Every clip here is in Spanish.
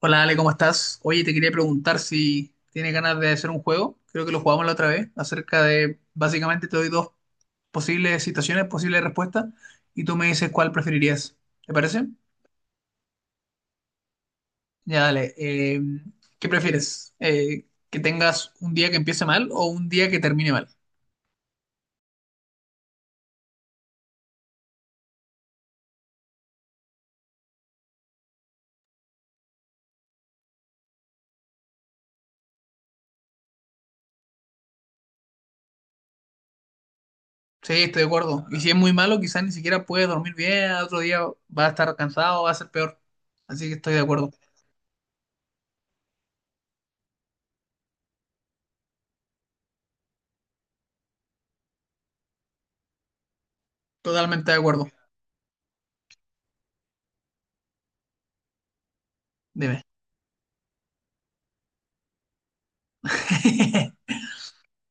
Hola Ale, ¿cómo estás? Oye, te quería preguntar si tienes ganas de hacer un juego, creo que lo jugamos la otra vez, acerca de, básicamente te doy dos posibles situaciones, posibles respuestas, y tú me dices cuál preferirías. ¿Te parece? Ya dale. ¿Qué prefieres? ¿Que tengas un día que empiece mal o un día que termine mal? Sí, estoy de acuerdo. Y si es muy malo, quizás ni siquiera puedes dormir bien, al otro día vas a estar cansado, va a ser peor. Así que estoy de acuerdo, totalmente de acuerdo. Dime.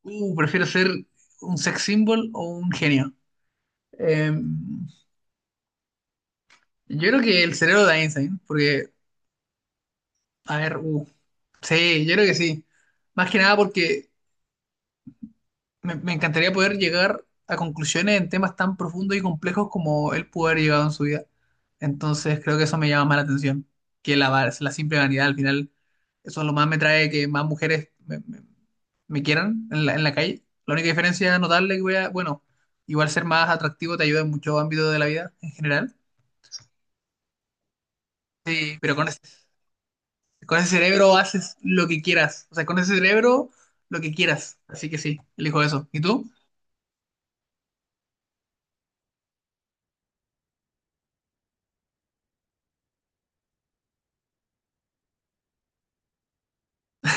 Prefiero ser un sex symbol o un genio. Eh, yo creo que el cerebro de Einstein, porque, a ver, sí, yo creo que sí. Más que nada porque me encantaría poder llegar a conclusiones en temas tan profundos y complejos como él pudo haber llegado en su vida. Entonces creo que eso me llama más la atención que la simple vanidad. Al final, eso es lo más me trae que más mujeres me quieran en la calle. La única diferencia notable que voy a, bueno, igual ser más atractivo te ayuda en muchos ámbitos de la vida en general. Sí, pero con ese cerebro haces lo que quieras. O sea, con ese cerebro lo que quieras. Así que sí, elijo eso. ¿Y tú?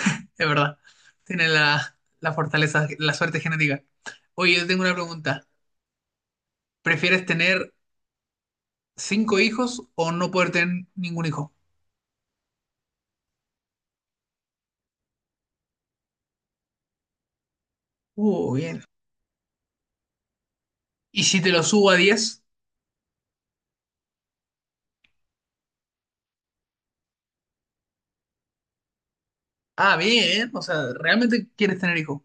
Es verdad. Tienes la fortaleza, la suerte genética. Oye, yo tengo una pregunta. ¿Prefieres tener cinco hijos o no poder tener ningún hijo? Bien. ¿Y si te lo subo a 10? Ah, bien. O sea, ¿realmente quieres tener hijos?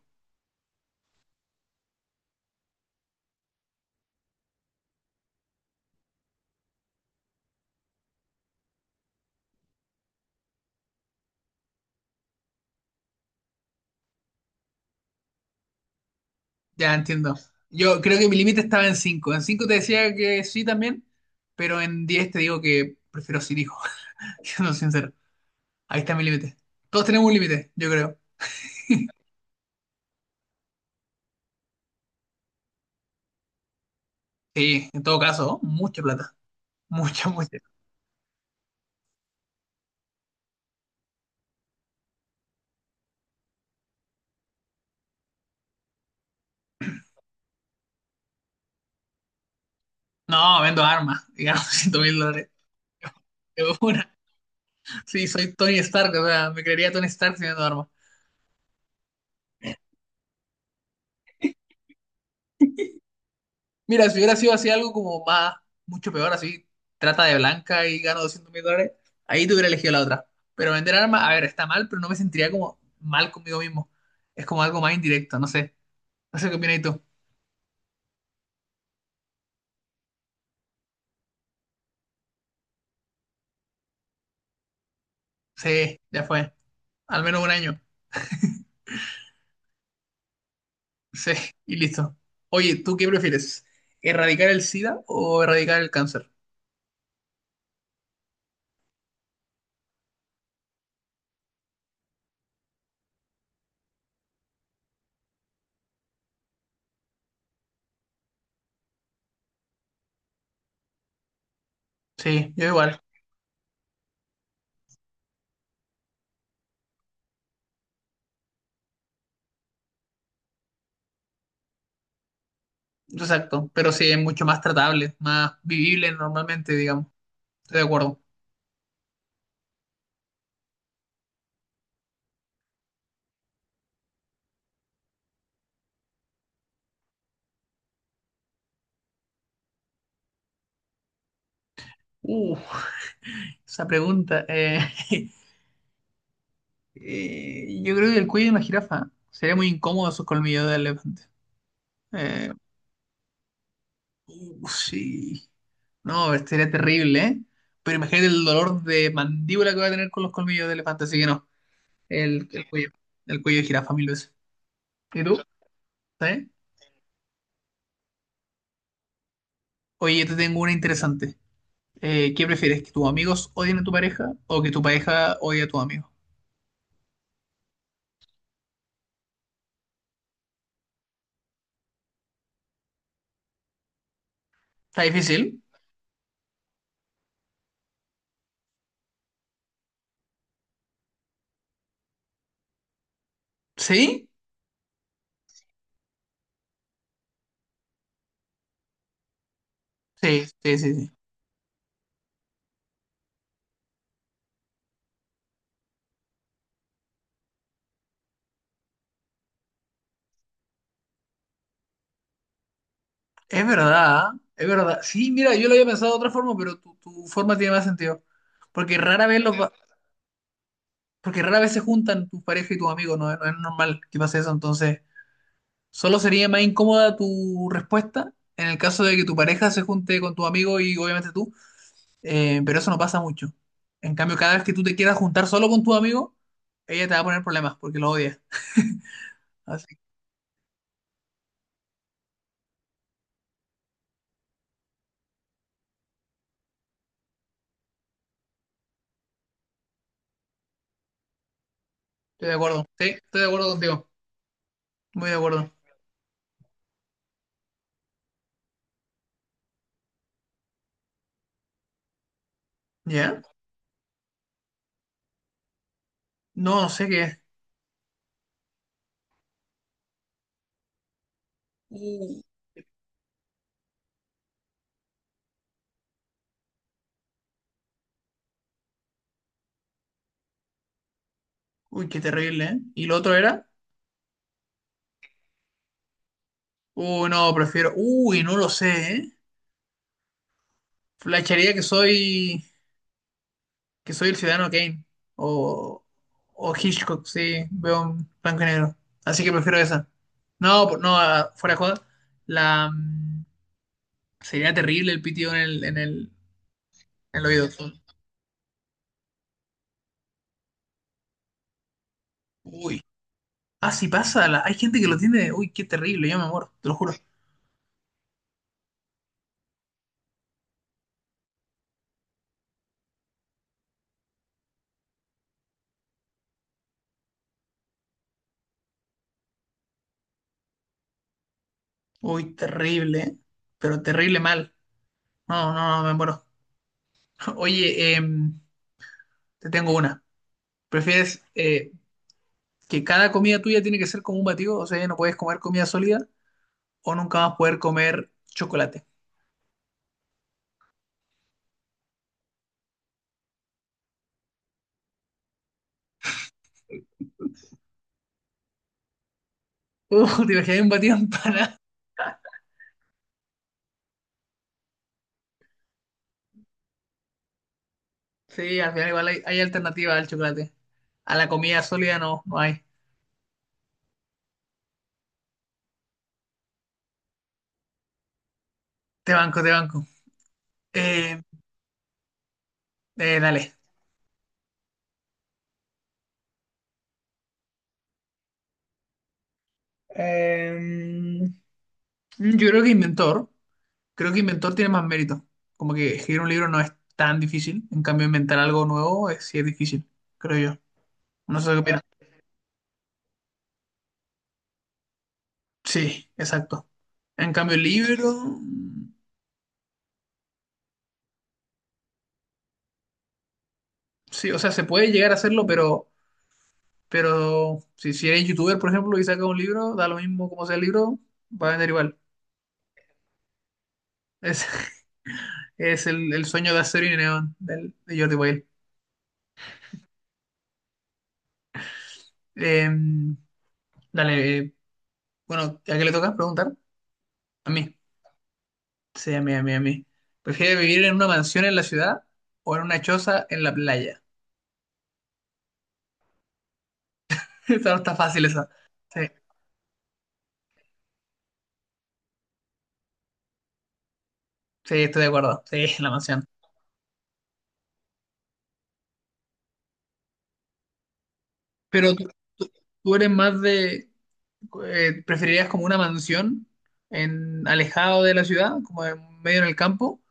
Ya entiendo. Yo creo que mi límite estaba en 5. En 5 te decía que sí también, pero en 10 te digo que prefiero sin hijo, siendo sincero. Ahí está mi límite. Todos tenemos un límite, yo creo. Sí, en todo caso, mucha plata. Mucha, mucha. No, vendo armas y gano $100,000. De una. Sí, soy Tony Stark, o sea, me creería Tony Stark si vendo armas. Mira, si hubiera sido así algo como más, mucho peor, así, trata de blanca y gano $200,000, ahí te hubiera elegido la otra. Pero vender armas, a ver, está mal, pero no me sentiría como mal conmigo mismo. Es como algo más indirecto, no sé. No sé qué opinas tú. Sí, ya fue. Al menos un año. Sí, y listo. Oye, ¿tú qué prefieres? ¿Erradicar el SIDA o erradicar el cáncer? Sí, yo igual. Exacto. Pero sí, es mucho más tratable, más vivible normalmente, digamos. Estoy de acuerdo. Uf, esa pregunta. Yo creo que el cuello de una jirafa. Sería muy incómodo esos colmillos del elefante. Eh, sí. No, sería terrible, ¿eh? Pero imagínate el dolor de mandíbula que va a tener con los colmillos de elefante, así que no. El, el cuello, el cuello de jirafa mil veces. ¿Y tú? ¿Sabes? Oye, yo te tengo una interesante. ¿Qué prefieres? ¿Que tus amigos odien a tu pareja o que tu pareja odie a tus amigos? Está difícil. ¿Sí? Sí, sí, sí, sí. Es verdad, ¿ah? Es verdad. Sí, mira, yo lo había pensado de otra forma, pero tu forma tiene más sentido. Porque rara vez los, va- porque rara vez se juntan tu pareja y tus amigos, no, no es normal que pase eso. Entonces, solo sería más incómoda tu respuesta en el caso de que tu pareja se junte con tu amigo y obviamente tú, pero eso no pasa mucho. En cambio, cada vez que tú te quieras juntar solo con tu amigo, ella te va a poner problemas porque lo odia. Así que estoy de acuerdo. Sí, estoy de acuerdo contigo. Muy de acuerdo. ¿Ya? No, no sé qué es. Uy, qué terrible, ¿eh? ¿Y lo otro era? Uy, no, prefiero. Uy, no lo sé, ¿eh? Flasharía que soy el ciudadano Kane. O. O Hitchcock, sí, veo un blanco y negro. Así que prefiero esa. No, no, ah, fuera de joda. La. mm, Sería terrible el pitido en el oído. Uy. Ah, sí pasa. Hay gente que lo tiene. Uy, qué terrible, yo me muero, te lo juro. Uy, terrible, ¿eh? Pero terrible mal. No, no, no, me muero. Oye, te tengo una. ¿Prefieres que cada comida tuya tiene que ser como un batido? O sea, ya no puedes comer comida sólida o nunca vas a poder comer chocolate. Te imaginas un batido en pana. Sí, al final igual hay alternativa al chocolate. A la comida sólida no, no hay. Te banco, te banco. Eh, dale. Eh, yo creo que inventor tiene más mérito. Como que escribir un libro no es tan difícil. En cambio, inventar algo nuevo sí es difícil, creo yo. No sé qué opinas. Sí, exacto. En cambio, el libro, sí, o sea, se puede llegar a hacerlo, pero si eres youtuber, por ejemplo, y sacas un libro, da lo mismo como sea el libro, va a vender igual. Es, es el sueño de acero y neón de Jordi Boyle. Eh, dale, bueno, ¿a qué le toca preguntar? A mí. Sí, a mí, a mí, a mí. ¿Prefieres vivir en una mansión en la ciudad o en una choza en la playa? Esa no está fácil esa. Sí, sí, estoy de acuerdo. Sí, la mansión. Pero tú eres más de, ¿preferirías como una mansión en alejado de la ciudad, como en medio en el campo?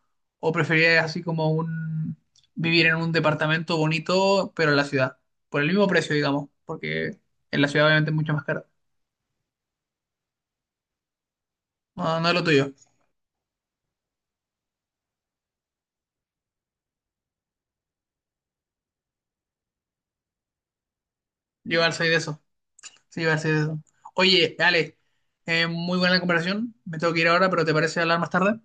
¿O preferirías así como un vivir en un departamento bonito, pero en la ciudad? Por el mismo precio, digamos, porque en la ciudad obviamente es mucho más caro. No, no es lo tuyo. Yo igual soy de eso. Sí, igual soy de eso. Oye, Ale, muy buena la conversación. Me tengo que ir ahora, pero ¿te parece hablar más tarde?